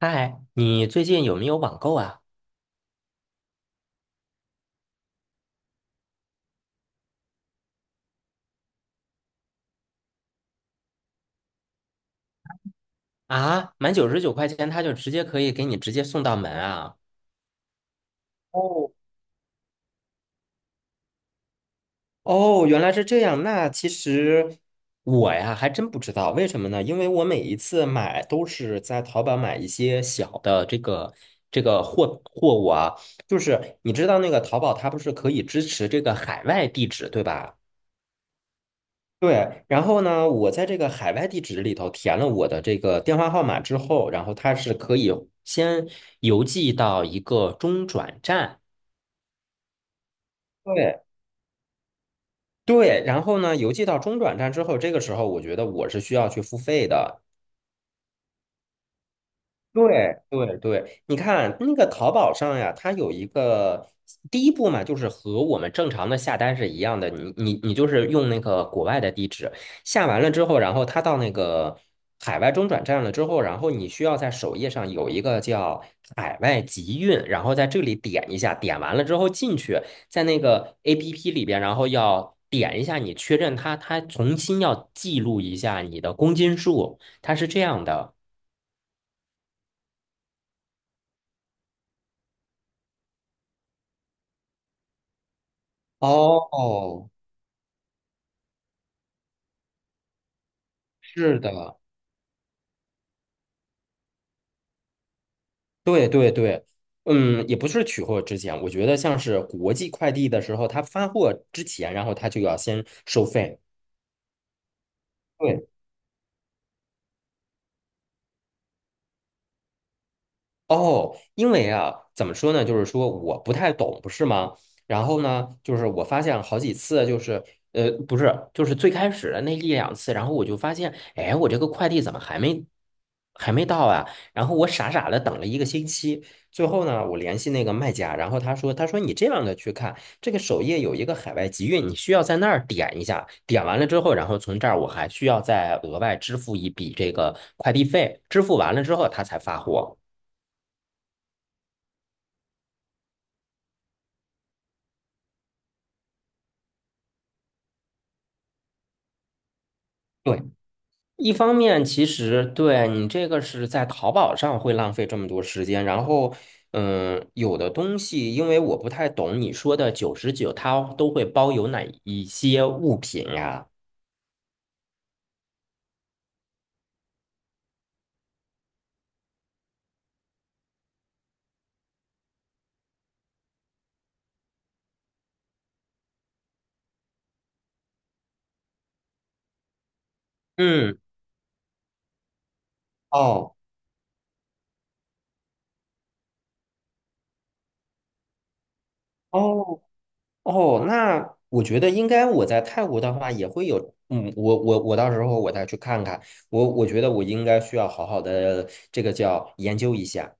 嗨，你最近有没有网购啊？啊，满九十九块钱，他就直接可以给你直接送到门啊！哦哦，原来是这样。那其实我呀还真不知道，为什么呢？因为我每一次买都是在淘宝买一些小的这个货物啊，就是你知道那个淘宝它不是可以支持这个海外地址，对吧？对，然后呢，我在这个海外地址里头填了我的这个电话号码之后，然后它是可以先邮寄到一个中转站。对对，然后呢，邮寄到中转站之后，这个时候我觉得我是需要去付费的。对对对，你看那个淘宝上呀，它有一个第一步嘛，就是和我们正常的下单是一样的，你就是用那个国外的地址下完了之后，然后它到那个海外中转站了之后，然后你需要在首页上有一个叫海外集运，然后在这里点一下，点完了之后进去，在那个 APP 里边，然后要点一下你确认它，它重新要记录一下你的公斤数，它是这样的。哦，是的，对对对，嗯，也不是取货之前，我觉得像是国际快递的时候，他发货之前，然后他就要先收费。对哦，因为啊，怎么说呢？就是说我不太懂，不是吗？然后呢，就是我发现好几次，就是不是，就是最开始的那一两次，然后我就发现，哎，我这个快递怎么还没到啊？然后我傻傻的等了一个星期，最后呢，我联系那个卖家，然后他说你这样的去看，这个首页有一个海外集运，你需要在那儿点一下，点完了之后，然后从这儿我还需要再额外支付一笔这个快递费，支付完了之后他才发货。对。一方面，其实对你这个是在淘宝上会浪费这么多时间，然后，有的东西因为我不太懂你说的九十九，它都会包邮哪一些物品呀？嗯，哦哦哦，那我觉得应该我在泰国的话也会有，嗯，我到时候我再去看看，我觉得我应该需要好好的这个叫研究一下。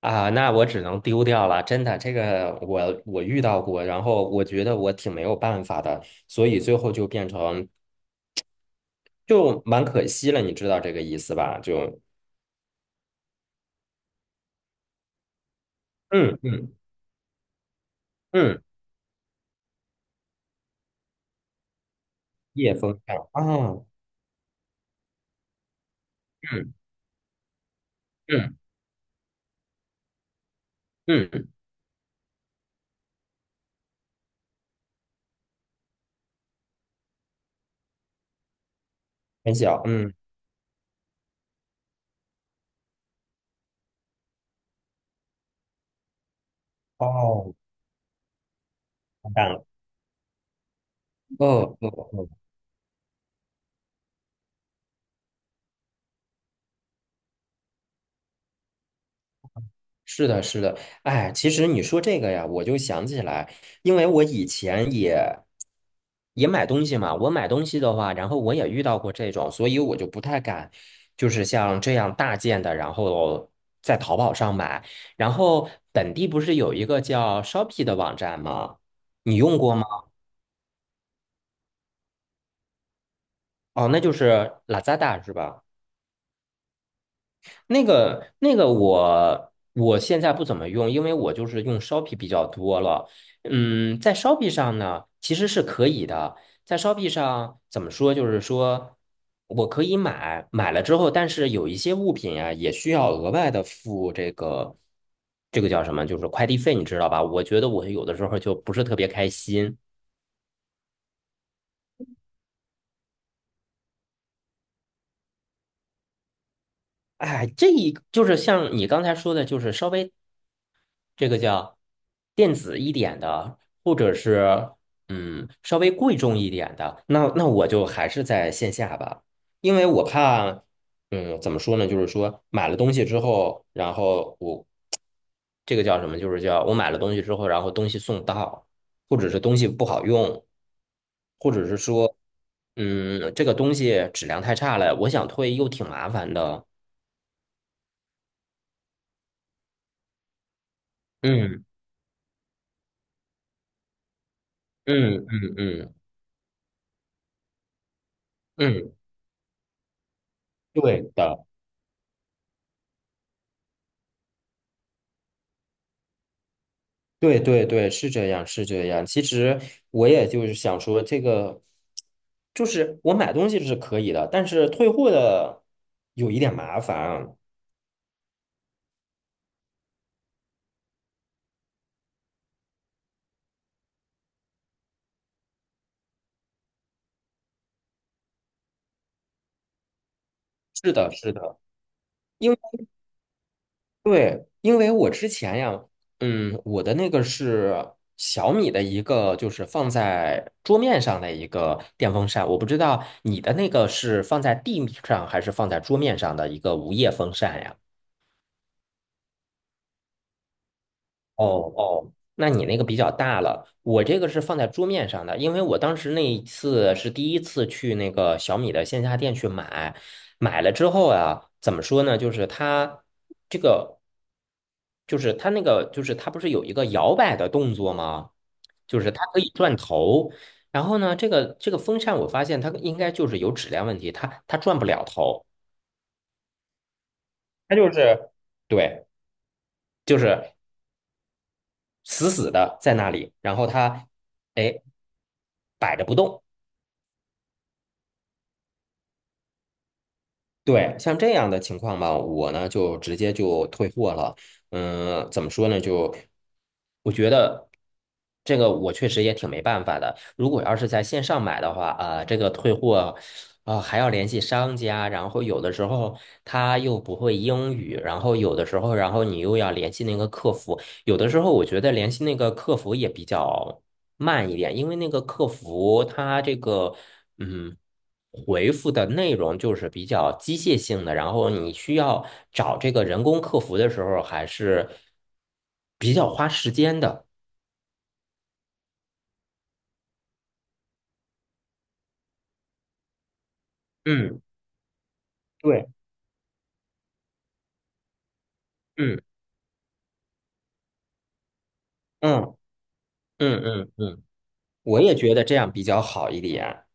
啊，那我只能丢掉了，真的，这个我遇到过，然后我觉得我挺没有办法的，所以最后就变成就蛮可惜了，你知道这个意思吧？就嗯嗯嗯，夜风扇啊，嗯嗯嗯，很小，嗯，哦，完蛋了，哦哦哦是的，是的，哎，其实你说这个呀，我就想起来，因为我以前也买东西嘛，我买东西的话，然后我也遇到过这种，所以我就不太敢，就是像这样大件的，然后在淘宝上买。然后本地不是有一个叫 Shopee 的网站吗？你用过吗？哦，那就是 Lazada 是吧？那个我现在不怎么用，因为我就是用 Shopee 比较多了。嗯，在 Shopee 上呢，其实是可以的。在 Shopee 上怎么说，就是说我可以买，买了之后，但是有一些物品啊，也需要额外的付这个叫什么，就是快递费，你知道吧？我觉得我有的时候就不是特别开心。哎，这一就是像你刚才说的，就是稍微这个叫电子一点的，或者是稍微贵重一点的，那我就还是在线下吧，因为我怕怎么说呢，就是说买了东西之后，然后我这个叫什么，就是叫我买了东西之后，然后东西送到，或者是东西不好用，或者是说这个东西质量太差了，我想退又挺麻烦的，嗯嗯嗯嗯嗯，对的。对对对，是这样，是这样。其实我也就是想说，这个就是我买东西是可以的，但是退货的有一点麻烦。是的，是的，因为对，因为我之前呀，嗯，我的那个是小米的一个，就是放在桌面上的一个电风扇，我不知道你的那个是放在地上还是放在桌面上的一个无叶风扇呀？哦哦，那你那个比较大了，我这个是放在桌面上的，因为我当时那一次是第一次去那个小米的线下店去买，买了之后啊，怎么说呢？就是它这个，就是它那个，就是它不是有一个摇摆的动作吗？就是它可以转头，然后呢，这个风扇我发现它应该就是有质量问题，它转不了头，它就是对，就是死死的在那里，然后它哎摆着不动。对，像这样的情况吧，我呢就直接就退货了。嗯，怎么说呢？就我觉得这个我确实也挺没办法的。如果要是在线上买的话，啊、这个退货啊、还要联系商家，然后有的时候他又不会英语，然后有的时候，然后你又要联系那个客服，有的时候我觉得联系那个客服也比较慢一点，因为那个客服他这个。嗯，回复的内容就是比较机械性的，然后你需要找这个人工客服的时候还是比较花时间的。嗯，对，嗯嗯嗯嗯嗯，我也觉得这样比较好一点。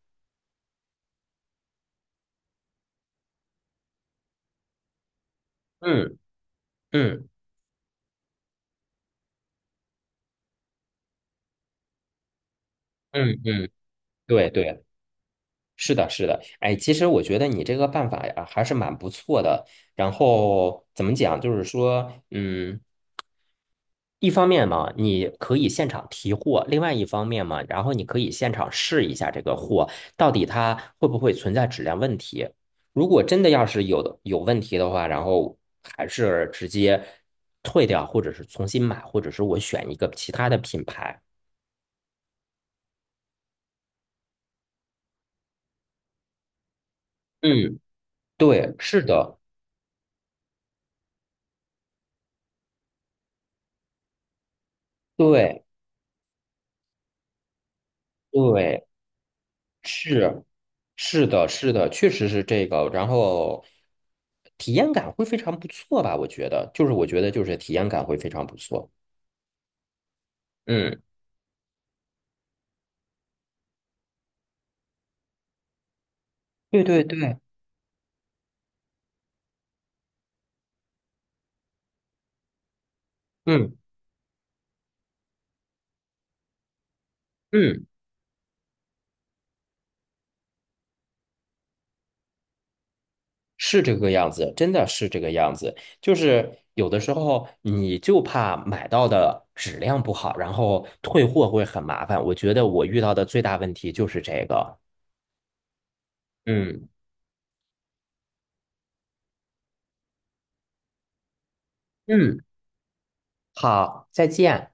嗯嗯嗯嗯，对对，是的，是的。哎，其实我觉得你这个办法呀还是蛮不错的。然后怎么讲，就是说，嗯。一方面嘛，你可以现场提货；另外一方面嘛，然后你可以现场试一下这个货到底它会不会存在质量问题。如果真的要是有的有问题的话，然后还是直接退掉，或者是重新买，或者是我选一个其他的品牌。嗯，对，是的，对对，是是的，是的，确实是这个。然后体验感会非常不错吧？我觉得，就是我觉得就是体验感会非常不错。嗯。对对对，嗯嗯，是这个样子，真的是这个样子。就是有的时候你就怕买到的质量不好，然后退货会很麻烦。我觉得我遇到的最大问题就是这个。嗯嗯，好，再见。